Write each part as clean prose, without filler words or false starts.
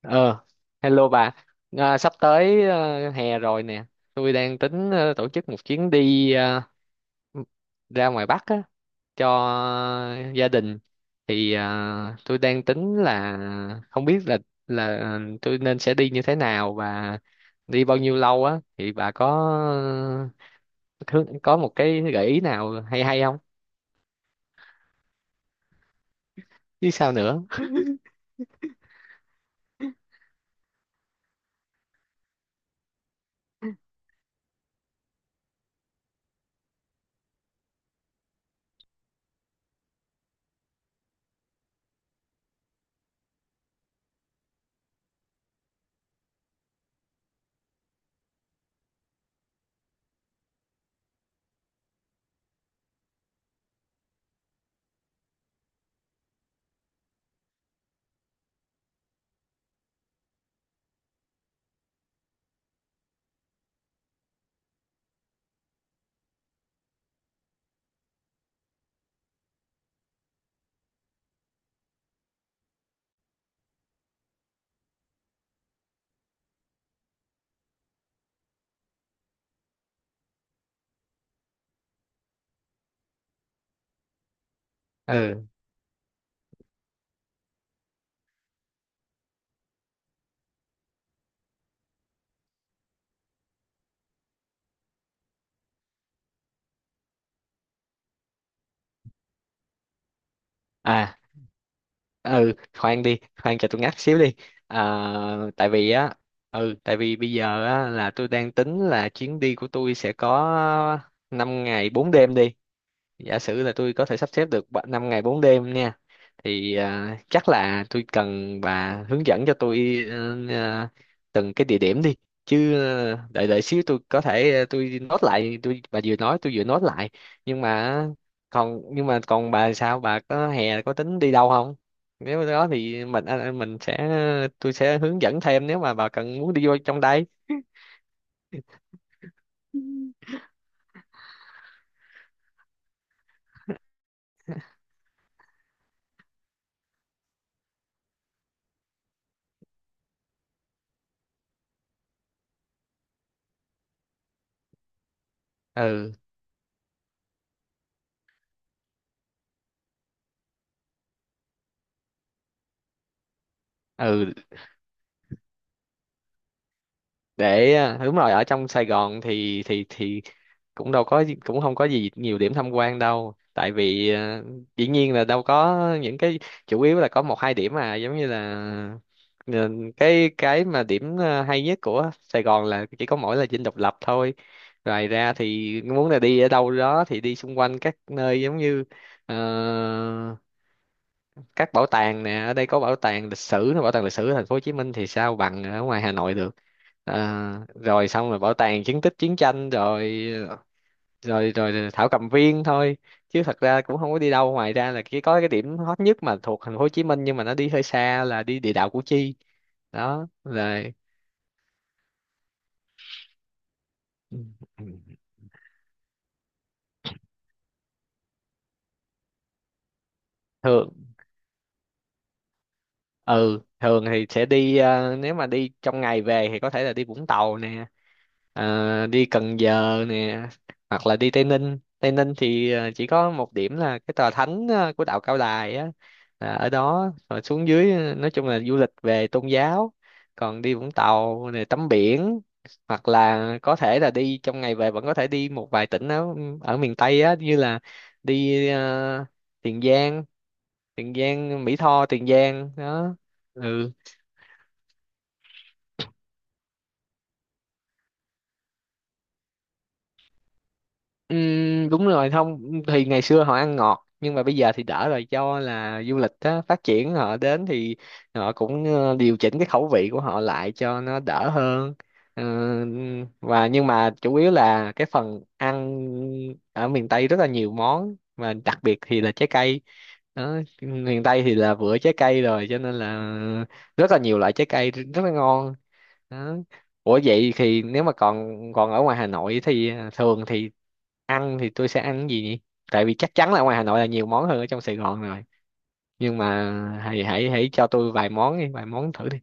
Ờ, Hello bà. À, sắp tới hè rồi nè. Tôi đang tính tổ chức một chuyến đi ra ngoài Bắc á, cho gia đình. Thì tôi đang tính là không biết là tôi nên sẽ đi như thế nào và đi bao nhiêu lâu á. Thì bà có một cái gợi ý nào hay hay không? Chứ sao nữa? Ừ. À, ừ, khoan đi, khoan cho tôi ngắt xíu đi. Tại vì á, ừ, tại vì bây giờ á là tôi đang tính là chuyến đi của tôi sẽ có 5 ngày 4 đêm đi, giả sử là tôi có thể sắp xếp được 5 ngày 4 đêm nha. Thì chắc là tôi cần bà hướng dẫn cho tôi từng cái địa điểm đi, chứ đợi đợi xíu, tôi có thể tôi nốt lại, tôi, bà vừa nói tôi vừa nốt lại. Nhưng mà, còn nhưng mà còn bà, sao bà có hè, có tính đi đâu không? Nếu đó thì mình sẽ, tôi sẽ hướng dẫn thêm nếu mà bà cần muốn đi vô trong đây. Ừ, ừ. Để đúng rồi, ở trong Sài Gòn thì cũng đâu có, cũng không có gì nhiều điểm tham quan đâu, tại vì dĩ nhiên là đâu có những cái, chủ yếu là có một hai điểm mà giống như là ờ, cái mà điểm hay nhất của Sài Gòn là chỉ có mỗi là Dinh Độc Lập thôi. Ngoài ra thì muốn là đi ở đâu đó thì đi xung quanh các nơi giống như ờ, các bảo tàng nè, ở đây có bảo tàng lịch sử, bảo tàng lịch sử ở thành phố Hồ Chí Minh thì sao bằng ở ngoài Hà Nội được. Ờ, Rồi xong rồi bảo tàng chứng tích chiến tranh, rồi rồi rồi rồi thảo cầm viên thôi, chứ thật ra cũng không có đi đâu, ngoài ra là cái có cái điểm hot nhất mà thuộc thành phố Hồ Chí Minh nhưng mà nó đi hơi xa là đi địa đạo Củ Chi. Đó rồi. thường ừ Thường thì sẽ đi nếu mà đi trong ngày về thì có thể là đi Vũng Tàu nè, đi Cần Giờ nè, hoặc là đi Tây Ninh. Tây Ninh thì chỉ có một điểm là cái tòa thánh của đạo Cao Đài á, là ở đó. Rồi xuống dưới nói chung là du lịch về tôn giáo. Còn đi Vũng Tàu này tắm biển, hoặc là có thể là đi trong ngày về vẫn có thể đi một vài tỉnh ở ở miền Tây á, như là đi Tiền Giang, Mỹ Tho, Tiền Giang đó. Ừ. Đúng rồi, không thì ngày xưa họ ăn ngọt nhưng mà bây giờ thì đỡ rồi, do là du lịch á phát triển, họ đến thì họ cũng điều chỉnh cái khẩu vị của họ lại cho nó đỡ hơn. Ờ, và nhưng mà chủ yếu là cái phần ăn ở miền Tây rất là nhiều món, và đặc biệt thì là trái cây đó. Miền Tây thì là vựa trái cây rồi cho nên là rất là nhiều loại trái cây, rất là ngon. Đó. Ủa vậy thì nếu mà còn còn ở ngoài Hà Nội thì thường thì ăn thì tôi sẽ ăn cái gì nhỉ? Tại vì chắc chắn là ngoài Hà Nội là nhiều món hơn ở trong Sài Gòn rồi. Nhưng mà hãy hãy hãy cho tôi vài món đi, vài món thử đi.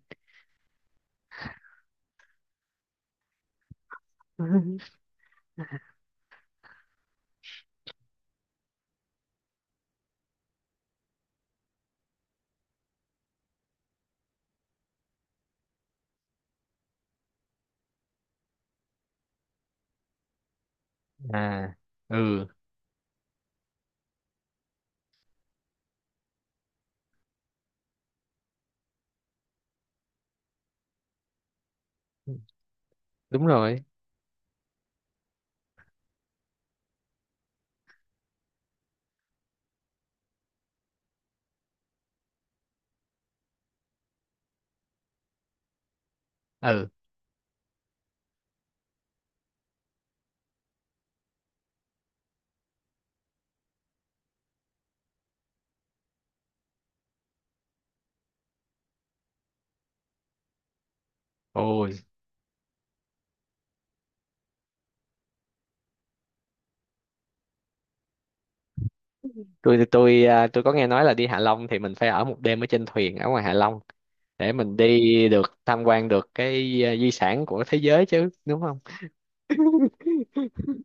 À, ừ, đúng rồi. Ừ. Ôi, tôi có nghe nói là đi Hạ Long thì mình phải ở một đêm ở trên thuyền ở ngoài Hạ Long để mình đi được, tham quan được cái di sản của thế giới chứ, đúng không?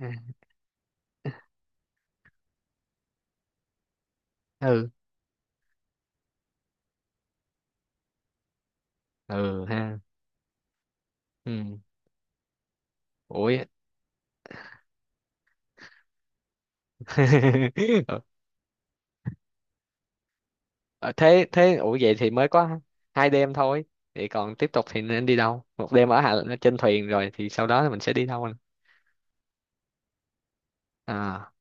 À, ừ, ừ ha. Ừ. Ủa. Ờ, thế thế ủa vậy thì mới có 2 đêm thôi, vậy còn tiếp tục thì nên đi đâu? Một đêm ở Hà, trên thuyền rồi thì sau đó thì mình sẽ đi đâu anh? À,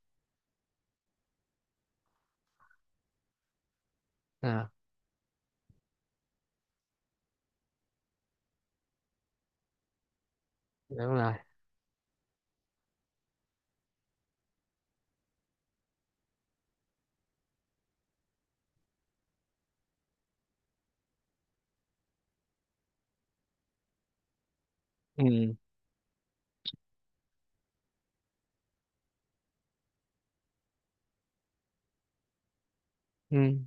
à, đúng rồi. Ừ, ừ,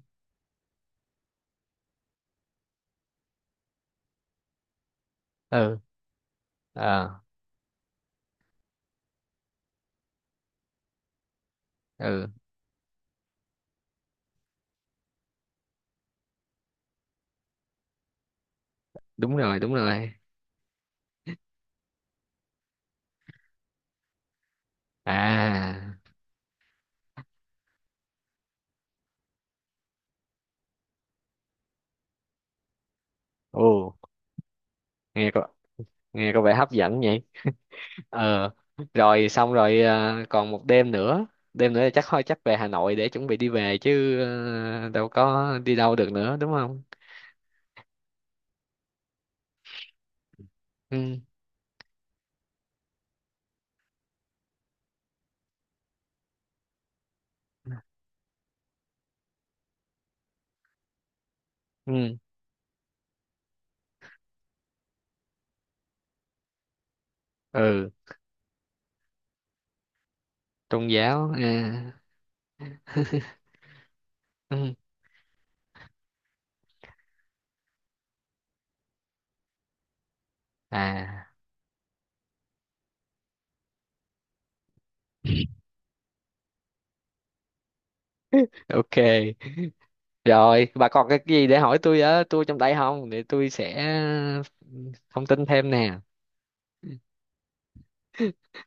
ừ. À, ừ, đúng rồi, đúng rồi. À, ồ, nghe có, nghe có vẻ hấp dẫn nhỉ. Ờ. Rồi xong rồi còn một đêm nữa. Đêm nữa thì chắc thôi, chắc về Hà Nội để chuẩn bị đi về chứ, đâu có đi đâu được nữa, đúng không? Ừ, ừ, ừ. Tôn giáo à. Ừ. À, ok, rồi bà còn cái gì để hỏi tôi á, tôi trong tay không để tôi sẽ ừ, thông tin thêm nè.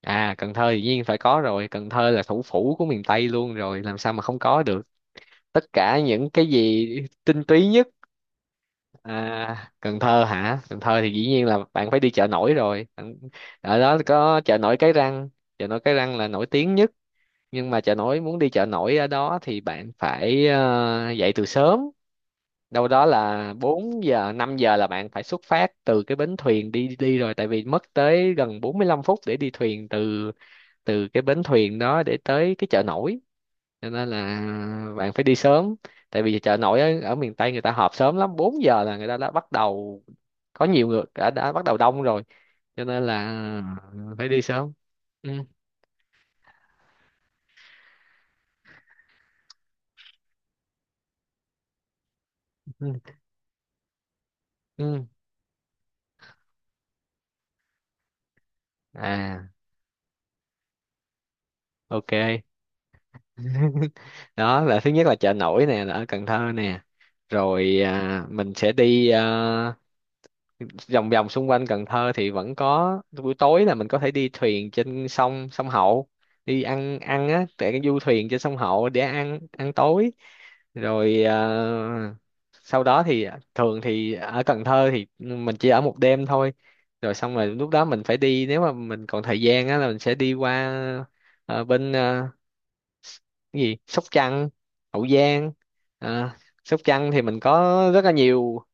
À, Cần Thơ dĩ nhiên phải có rồi, Cần Thơ là thủ phủ của miền Tây luôn rồi, làm sao mà không có được, tất cả những cái gì tinh túy nhất. À, Cần Thơ hả? Cần Thơ thì dĩ nhiên là bạn phải đi chợ nổi rồi. Ở đó có chợ nổi Cái Răng, chợ nổi Cái Răng là nổi tiếng nhất. Nhưng mà chợ nổi, muốn đi chợ nổi ở đó thì bạn phải dậy từ sớm, đâu đó là 4 giờ 5 giờ là bạn phải xuất phát từ cái bến thuyền đi đi rồi, tại vì mất tới gần 45 phút để đi thuyền từ, từ cái bến thuyền đó để tới cái chợ nổi, cho nên là bạn phải đi sớm. Tại vì chợ nổi ở miền Tây người ta họp sớm lắm, 4 giờ là người ta đã bắt đầu, có nhiều người đã bắt đầu đông rồi, cho nên là phải đi sớm. Ừ, ừ, ừ. À, ok. Đó là thứ nhất là chợ nổi nè, là ở Cần Thơ nè. Rồi mình sẽ đi vòng vòng xung quanh Cần Thơ thì vẫn có. Buổi tối là mình có thể đi thuyền trên sông sông Hậu, đi ăn ăn á tại cái du thuyền trên sông Hậu để ăn ăn tối. Rồi sau đó thì thường thì ở Cần Thơ thì mình chỉ ở một đêm thôi, rồi xong rồi lúc đó mình phải đi. Nếu mà mình còn thời gian á là mình sẽ đi qua bên cái gì, Sóc Trăng, Hậu Giang. À, Sóc Trăng thì mình có rất là nhiều.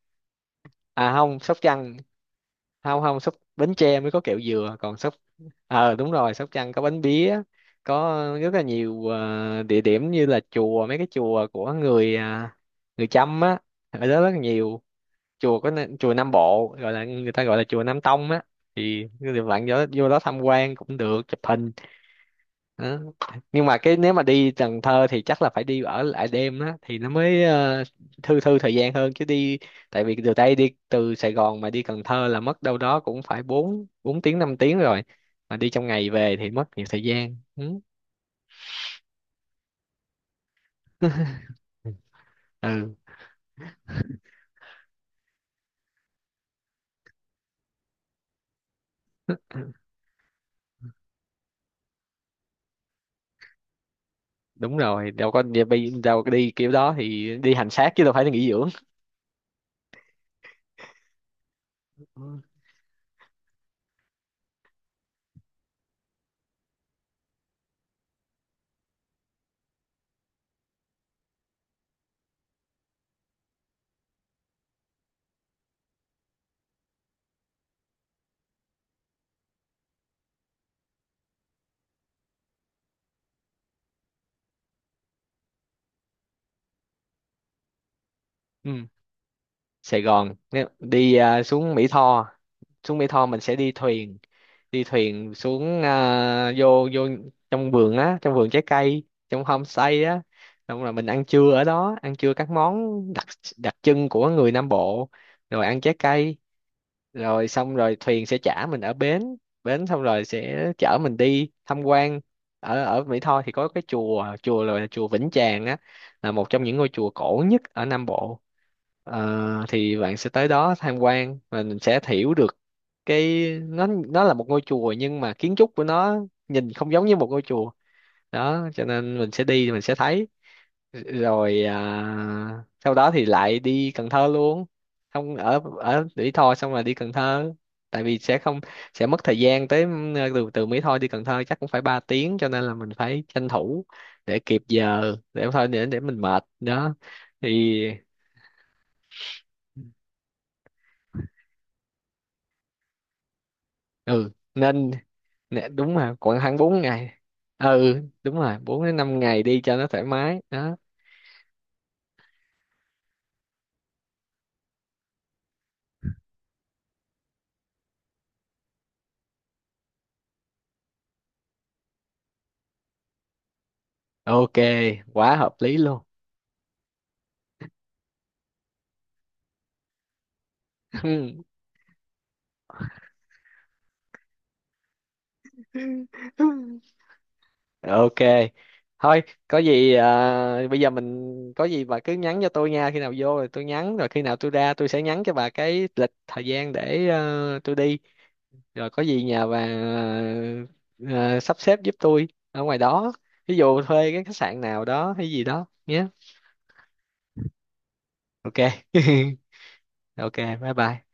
À không, Sóc Trăng, không không, Sóc, Bến Tre mới có kẹo dừa, còn Sóc, đúng rồi, Sóc Trăng có bánh pía, có rất là nhiều địa điểm như là chùa, mấy cái chùa của người người Chăm á, ở đó rất là nhiều chùa. Có chùa Nam Bộ gọi là, người ta gọi là chùa Nam Tông á, thì bạn vô đó tham quan cũng được, chụp hình đó. Nhưng mà cái nếu mà đi Cần Thơ thì chắc là phải đi ở lại đêm đó thì nó mới thư thư thời gian hơn, chứ đi, tại vì từ đây đi, từ Sài Gòn mà đi Cần Thơ là mất đâu đó cũng phải bốn 4 tiếng 5 tiếng rồi, mà đi trong ngày về thì mất nhiều thời gian. Ừ. Ừ đúng rồi, đâu có đi kiểu đó thì đi hành xác chứ đâu phải là nghỉ dưỡng. Ừ. Sài Gòn, đi xuống Mỹ Tho, xuống Mỹ Tho mình sẽ đi thuyền, đi thuyền xuống vô vô trong vườn á, trong vườn trái cây, trong homestay á, xong rồi mình ăn trưa ở đó, ăn trưa các món đặc đặc trưng của người Nam Bộ, rồi ăn trái cây. Rồi xong rồi thuyền sẽ chở mình ở bến bến, xong rồi sẽ chở mình đi tham quan. Ở ở Mỹ Tho thì có cái chùa chùa là chùa Vĩnh Tràng á, là một trong những ngôi chùa cổ nhất ở Nam Bộ. Thì bạn sẽ tới đó tham quan và mình sẽ hiểu được cái nó là một ngôi chùa nhưng mà kiến trúc của nó nhìn không giống như một ngôi chùa đó, cho nên mình sẽ đi thì mình sẽ thấy. Rồi sau đó thì lại đi Cần Thơ luôn, không, ở ở Mỹ Tho xong rồi đi Cần Thơ, tại vì sẽ không, sẽ mất thời gian tới. Từ Từ Mỹ Tho đi Cần Thơ chắc cũng phải 3 tiếng, cho nên là mình phải tranh thủ để kịp giờ, để thôi, để mình mệt đó thì. Ừ nên nè, đúng mà khoảng khoảng 4 ngày. Ừ đúng rồi, 4 đến 5 ngày đi cho nó thoải mái đó. Ok, quá hợp lý luôn. Ok, thôi, có gì bây giờ mình, có gì bà cứ nhắn cho tôi nha, khi nào vô rồi tôi nhắn, rồi khi nào tôi ra tôi sẽ nhắn cho bà cái lịch thời gian để tôi đi, rồi có gì nhà bà ờ, sắp xếp giúp tôi ở ngoài đó, ví dụ thuê cái khách sạn nào đó hay gì đó nhé. Ok. Ok, bye bye.